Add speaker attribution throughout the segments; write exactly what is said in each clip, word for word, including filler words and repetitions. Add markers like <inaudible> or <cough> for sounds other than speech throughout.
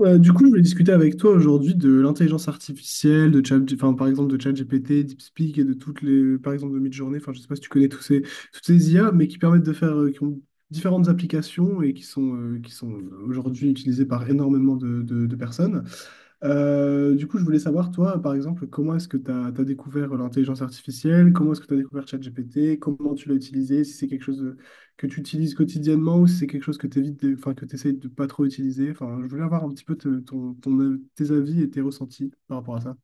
Speaker 1: Euh, du coup, je voulais discuter avec toi aujourd'hui de l'intelligence artificielle, de Chat, enfin, par exemple de ChatGPT, DeepSpeak et de toutes les, par exemple de Midjourney. Enfin, je sais pas si tu connais tous ces, toutes ces I A, mais qui permettent de faire, euh, qui ont différentes applications et qui sont, euh, qui sont aujourd'hui utilisées par énormément de, de- de personnes. Euh, du coup, je voulais savoir, toi, par exemple, comment est-ce que tu as découvert l'intelligence artificielle? Comment est-ce que tu as découvert ChatGPT? Comment tu l'as utilisé? Si c'est quelque chose de- que tu utilises quotidiennement ou si c'est quelque chose que tu évites, de- enfin, que tu essaies de pas trop utiliser. Enfin, je voulais avoir un petit peu te- ton, ton- tes avis et tes ressentis par rapport à ça.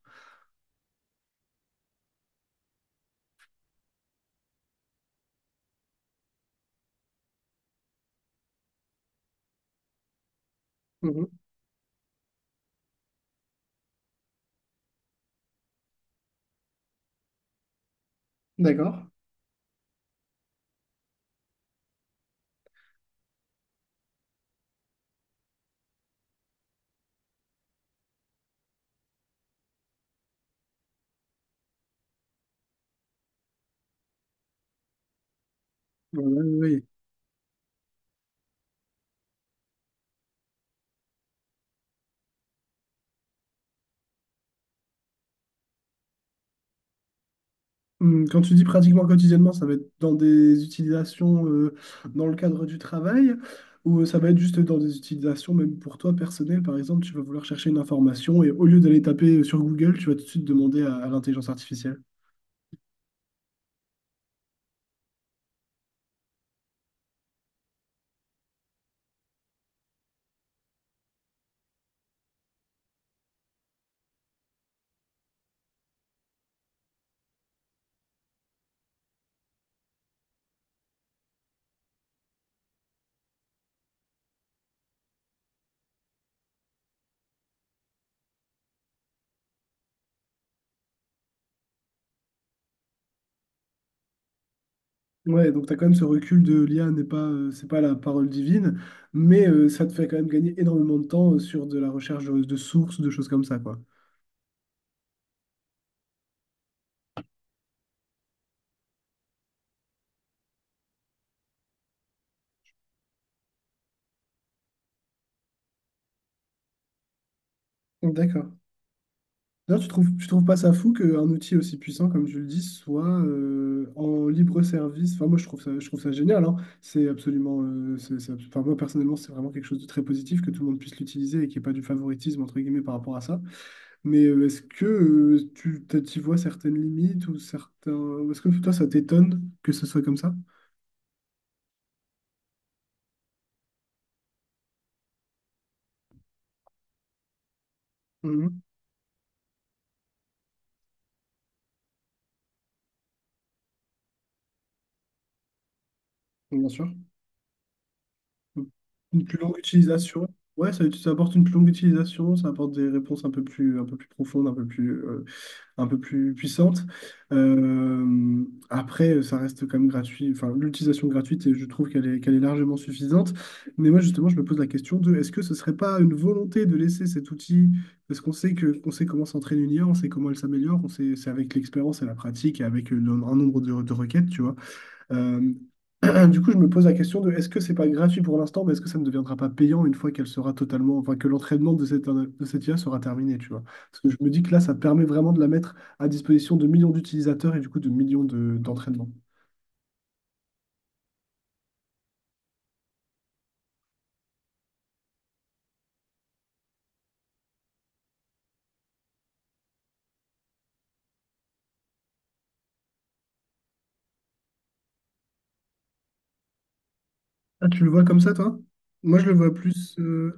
Speaker 1: Mhm. D'accord. Oui. Hum, quand tu dis pratiquement quotidiennement, ça va être dans des utilisations euh, dans le cadre du travail ou euh, ça va être juste dans des utilisations même pour toi personnel. Par exemple, tu vas vouloir chercher une information et au lieu d'aller taper euh, sur Google, tu vas tout de suite demander à, à l'intelligence artificielle. Ouais, donc tu as quand même ce recul de l'I A n'est pas, euh, c'est pas la parole divine, mais euh, ça te fait quand même gagner énormément de temps euh, sur de la recherche de, de sources, de choses comme ça, quoi. D'accord. D'ailleurs, tu trouves, tu trouves pas ça fou qu'un outil aussi puissant, comme tu le dis, soit euh, en libre service. Enfin, moi, je trouve ça, je trouve ça génial, hein. C'est absolument, euh, c'est, c'est abs- Enfin, moi, personnellement, c'est vraiment quelque chose de très positif que tout le monde puisse l'utiliser et qu'il n'y ait pas du favoritisme, entre guillemets, par rapport à ça. Mais euh, est-ce que euh, tu t'y vois certaines limites ou certains... Est-ce que toi, ça t'étonne que ce soit comme ça? Mhm. Bien sûr. Une plus longue utilisation. Ouais, ça, ça apporte une plus longue utilisation, ça apporte des réponses un peu plus, un peu plus profondes, un peu plus, euh, un peu plus puissante. Euh, Après, ça reste quand même gratuit. Enfin, l'utilisation gratuite, et je trouve qu'elle est, qu'elle est largement suffisante. Mais moi, justement, je me pose la question de est-ce que ce serait pas une volonté de laisser cet outil, parce qu'on sait que, on sait comment s'entraîne une I A, on sait comment elle s'améliore, on sait, c'est avec l'expérience et la pratique et avec le- un nombre de, de requêtes, tu vois. Euh, <clears throat> du coup, je me pose la question de est-ce que c'est pas gratuit pour l'instant, mais est-ce que ça ne deviendra pas payant une fois qu'elle sera totalement, enfin que l'entraînement de cette, de cette I A sera terminé, tu vois? Parce que je me dis que là, ça permet vraiment de la mettre à disposition de millions d'utilisateurs et du coup de millions de, d'entraînements. Ah, tu le vois comme ça, toi? Moi, je le vois plus. Euh,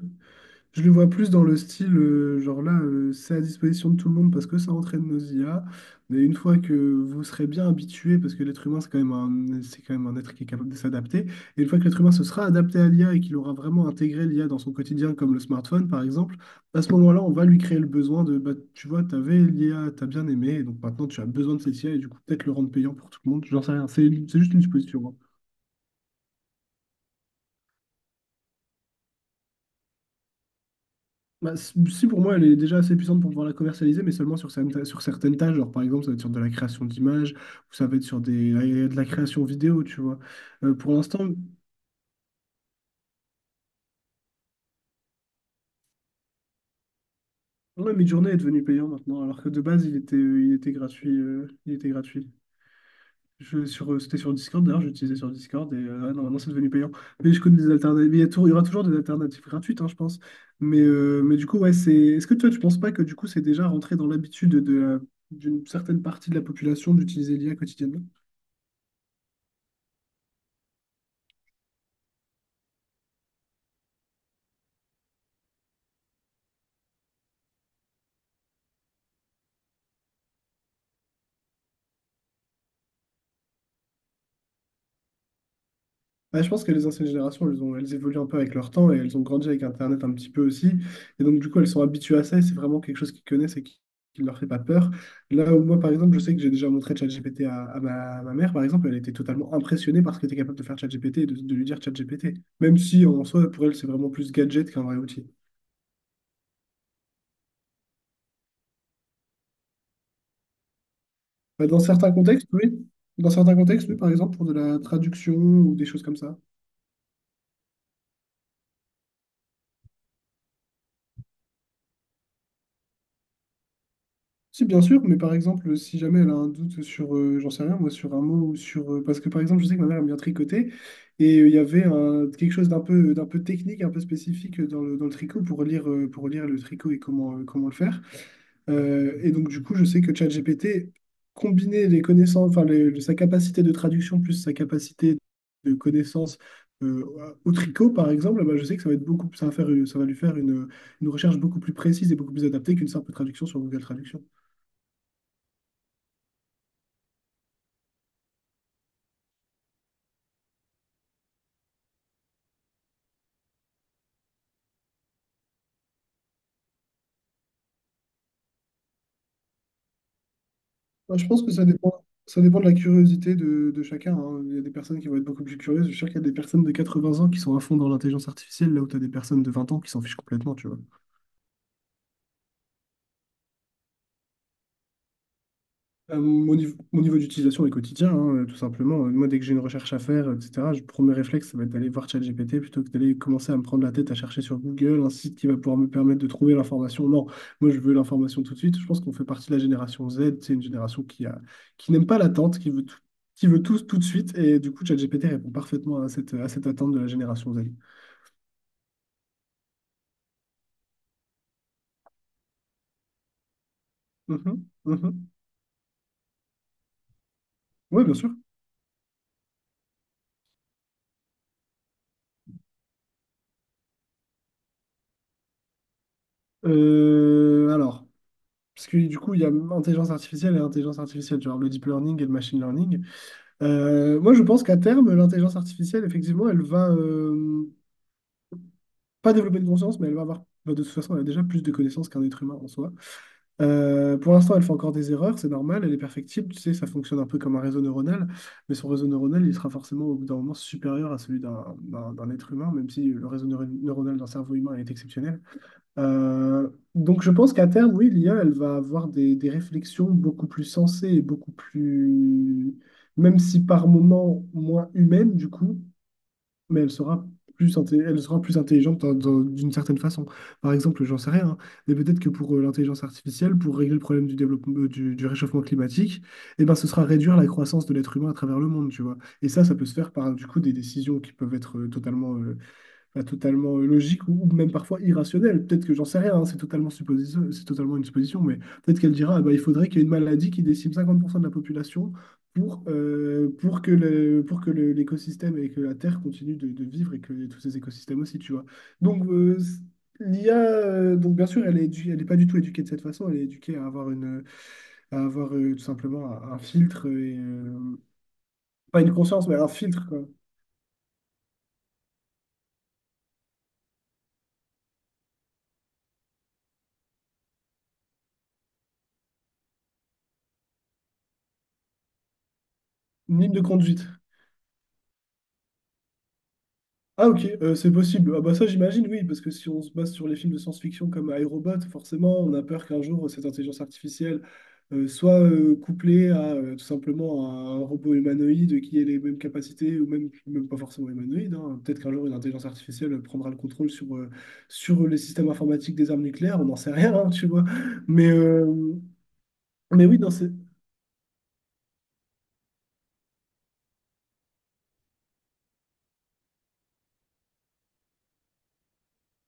Speaker 1: Je le vois plus dans le style, euh, genre là, euh, c'est à disposition de tout le monde parce que ça entraîne nos I A. Mais une fois que vous serez bien habitué, parce que l'être humain, c'est quand même un, c'est quand même un être qui est capable de s'adapter, et une fois que l'être humain se sera adapté à l'I A et qu'il aura vraiment intégré l'I A dans son quotidien, comme le smartphone par exemple, à ce moment-là, on va lui créer le besoin de, bah, tu vois, t'avais l'I A, t'as bien aimé, et donc maintenant tu as besoin de cette I A, et du coup peut-être le rendre payant pour tout le monde, j'en sais rien, c'est c'est juste une supposition, hein. Bah, c- si pour moi elle est déjà assez puissante pour pouvoir la commercialiser, mais seulement sur, certaines sur certaines tâches, genre par exemple ça va être sur de la création d'images, ou ça va être sur des, de la création vidéo, tu vois. Euh, pour l'instant, ouais, Midjourney est devenu payant maintenant, alors que de base il était, il était gratuit, euh, il était gratuit. Je, sur, euh, c'était sur Discord, d'ailleurs, j'utilisais sur Discord et euh, ah non, maintenant c'est devenu payant. Mais je connais des alternatives. Il y a tou- il y aura toujours des alternatives gratuites, hein, je pense. Mais, euh, mais du coup, ouais, c'est. Est-ce que toi, tu penses pas que du coup, c'est déjà rentré dans l'habitude de la- d'une certaine partie de la population d'utiliser l'I A quotidiennement? Ouais, je pense que les anciennes générations, elles ont, elles évoluent un peu avec leur temps et elles ont grandi avec Internet un petit peu aussi. Et donc, du coup, elles sont habituées à ça et c'est vraiment quelque chose qu'ils connaissent et qui qui ne leur fait pas peur. Là où moi, par exemple, je sais que j'ai déjà montré ChatGPT à, à ma, à ma mère, par exemple, elle était totalement impressionnée par ce qu'était capable de faire ChatGPT et de, de lui dire ChatGPT. Même si, en soi, pour elle, c'est vraiment plus gadget qu'un vrai outil. Bah, dans certains contextes, oui. Dans certains contextes, oui, par exemple, pour de la traduction ou des choses comme ça. Si, bien sûr, mais par exemple, si jamais elle a un doute sur, euh, j'en sais rien, moi, sur un mot ou sur. euh, Parce que par exemple, je sais que ma mère aime bien tricoter et euh, il y avait un, quelque chose d'un peu, d'un peu technique, un peu spécifique dans le, dans le tricot pour lire, euh, pour lire le tricot et comment, euh, comment le faire. Euh, et donc, du coup, je sais que ChatGPT, combiner les connaissances, enfin, les- le- sa capacité de traduction plus sa capacité de connaissance euh, au tricot, par exemple, bah, je sais que ça va être beaucoup, ça va faire, une- ça va lui faire une, une recherche beaucoup plus précise et beaucoup plus adaptée qu'une simple traduction sur Google Traduction. Moi, je pense que ça dépend, ça dépend de la curiosité de, de chacun, hein. Il y a des personnes qui vont être beaucoup plus curieuses. Je suis sûr qu'il y a des personnes de quatre-vingts ans qui sont à fond dans l'intelligence artificielle, là où tu as des personnes de vingt ans qui s'en fichent complètement, tu vois. Euh, mon niveau, mon niveau d'utilisation est quotidien, hein, euh, tout simplement. Euh, Moi, dès que j'ai une recherche à faire, euh, et cetera, je, premier réflexe, ça va être d'aller voir ChatGPT plutôt que d'aller commencer à me prendre la tête à chercher sur Google un site qui va pouvoir me permettre de trouver l'information. Non, moi, je veux l'information tout de suite. Je pense qu'on fait partie de la génération Z. C'est une génération qui a, qui n'aime pas l'attente, qui veut tout, qui veut tout, tout de suite. Et du coup, ChatGPT répond parfaitement à cette, à cette attente de la génération Z. Mhm, mhm. Oui, bien sûr. Euh, alors, parce que du coup, il y a intelligence artificielle et intelligence artificielle, genre le deep learning et le machine learning. Euh, moi, je pense qu'à terme, l'intelligence artificielle, effectivement, elle va euh, pas développer de conscience, mais elle va avoir, bah, de toute façon, elle a déjà plus de connaissances qu'un être humain en soi. Euh, pour l'instant, elle fait encore des erreurs, c'est normal, elle est perfectible, tu sais, ça fonctionne un peu comme un réseau neuronal, mais son réseau neuronal, il sera forcément au bout d'un moment supérieur à celui d'un d'un- d'un être humain, même si le réseau neuro- neuronal d'un cerveau humain est exceptionnel. Euh, donc je pense qu'à terme, oui, l'I A, elle va avoir des, des réflexions beaucoup plus sensées et beaucoup plus, même si par moments moins humaines du coup, mais elle sera plus, inté- elle sera plus intelligente dans- dans- d'une certaine façon. Par exemple, j'en sais rien, hein, mais peut-être que pour euh, l'intelligence artificielle, pour régler le problème du développement, euh, du, du réchauffement climatique, eh ben, ce sera réduire la croissance de l'être humain à travers le monde, tu vois. Et ça, ça peut se faire par du coup des décisions qui peuvent être euh, totalement euh, enfin, totalement euh, logique ou ou même parfois irrationnelle. Peut-être que j'en sais rien, hein, c'est totalement supposition, c'est totalement une supposition, mais peut-être qu'elle dira, ah bah, il faudrait qu'il y ait une maladie qui décime cinquante pour cent de la population pour, euh, pour que le, pour que le- l'écosystème et que la Terre continue de, de vivre et que tous ces écosystèmes aussi, tu vois. Donc, euh, c- l'I A, euh, donc bien sûr, elle est édu- elle n'est pas du tout éduquée de cette façon, elle est éduquée à avoir une, à avoir euh, tout simplement un, un filtre et, euh, pas une conscience, mais un filtre, quoi. Une ligne de conduite. Ah ok, euh, c'est possible. Ah bah ça j'imagine, oui, parce que si on se base sur les films de science-fiction comme iRobot, forcément, on a peur qu'un jour euh, cette intelligence artificielle euh, soit euh, couplée à euh, tout simplement à un robot humanoïde qui ait les mêmes capacités, ou même, même pas forcément humanoïde, hein. Peut-être qu'un jour une intelligence artificielle prendra le contrôle sur, euh, sur les systèmes informatiques des armes nucléaires, on n'en sait rien, hein, tu vois. Mais, euh, mais oui, dans c'est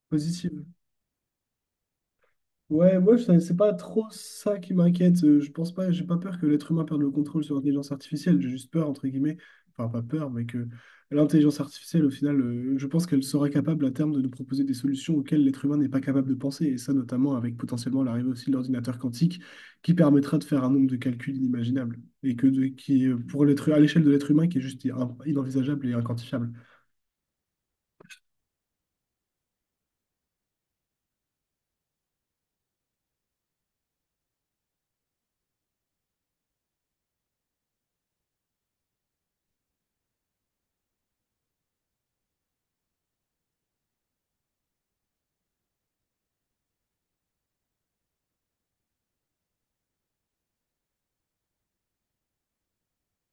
Speaker 1: positif. Ouais, moi, je- c'est pas trop ça qui m'inquiète. Euh, Je pense pas, j'ai pas peur que l'être humain perde le contrôle sur l'intelligence artificielle. J'ai juste peur, entre guillemets, enfin, pas peur, mais que l'intelligence artificielle, au final, euh, je pense qu'elle sera capable à terme de nous proposer des solutions auxquelles l'être humain n'est pas capable de penser. Et ça, notamment avec potentiellement l'arrivée aussi de l'ordinateur quantique, qui permettra de faire un nombre de calculs inimaginables. Et que de- qui, est, pour l'être, à l'échelle de l'être humain, qui est juste in- inenvisageable et inquantifiable.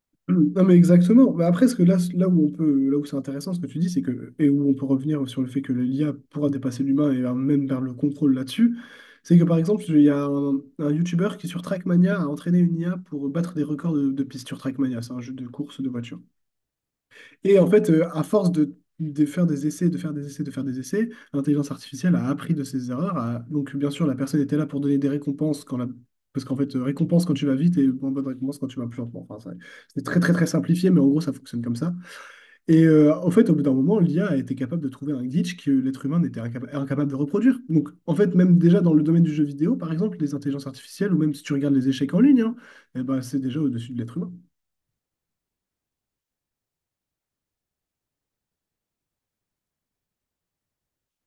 Speaker 1: <clears throat> Non mais exactement. Mais après, ce que là, là où on peut, là où c'est intéressant, ce que tu dis, c'est que et où on peut revenir sur le fait que l'I A pourra dépasser l'humain et euh, même vers le contrôle là-dessus, c'est que par exemple, il y a un, un YouTuber qui sur Trackmania a entraîné une I A pour battre des records de, de pistes sur Trackmania, c'est un jeu de course de voiture. Et en fait, euh, à force de, de faire des essais, de faire des essais, de faire des essais, l'intelligence artificielle a appris de ses erreurs. a- Donc, bien sûr, la personne était là pour donner des récompenses quand la... Parce qu'en fait, euh, récompense quand tu vas vite et bonne bonne récompense quand tu vas plus lentement. Enfin, ça- c'est très, très, très simplifié, mais en gros, ça fonctionne comme ça. Et euh, en fait, au bout d'un moment, l'IA a a été capable de trouver un glitch que l'être humain n'était incapa- incapable de reproduire. Donc, en fait, même déjà dans le domaine du jeu vidéo, par exemple, les intelligences artificielles, ou même si tu regardes les échecs en ligne, hein, eh ben, c'est déjà au-dessus de l'être humain.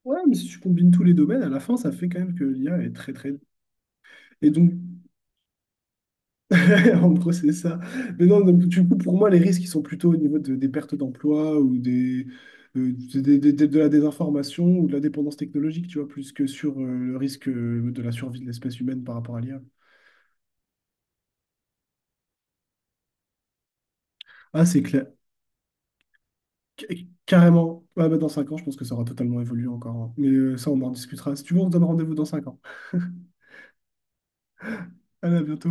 Speaker 1: Ouais, mais si tu combines tous les domaines, à la fin, ça fait quand même que l'I A est très très... Et donc, <laughs> en gros, c'est ça. Mais non, donc, du coup, pour moi, les risques, ils sont plutôt au niveau de- des pertes d'emploi ou des, euh, des- des- des- de la désinformation ou de la dépendance technologique, tu vois, plus que sur euh, le risque euh, de la survie de l'espèce humaine par rapport à l'I A. Ah, c'est clair. Ca- Carrément. Ah, bah, dans cinq ans, je pense que ça aura totalement évolué encore, hein. Mais euh, ça, on en discutera. Si tu veux, on se donne rendez-vous dans cinq ans. Allez, à bientôt.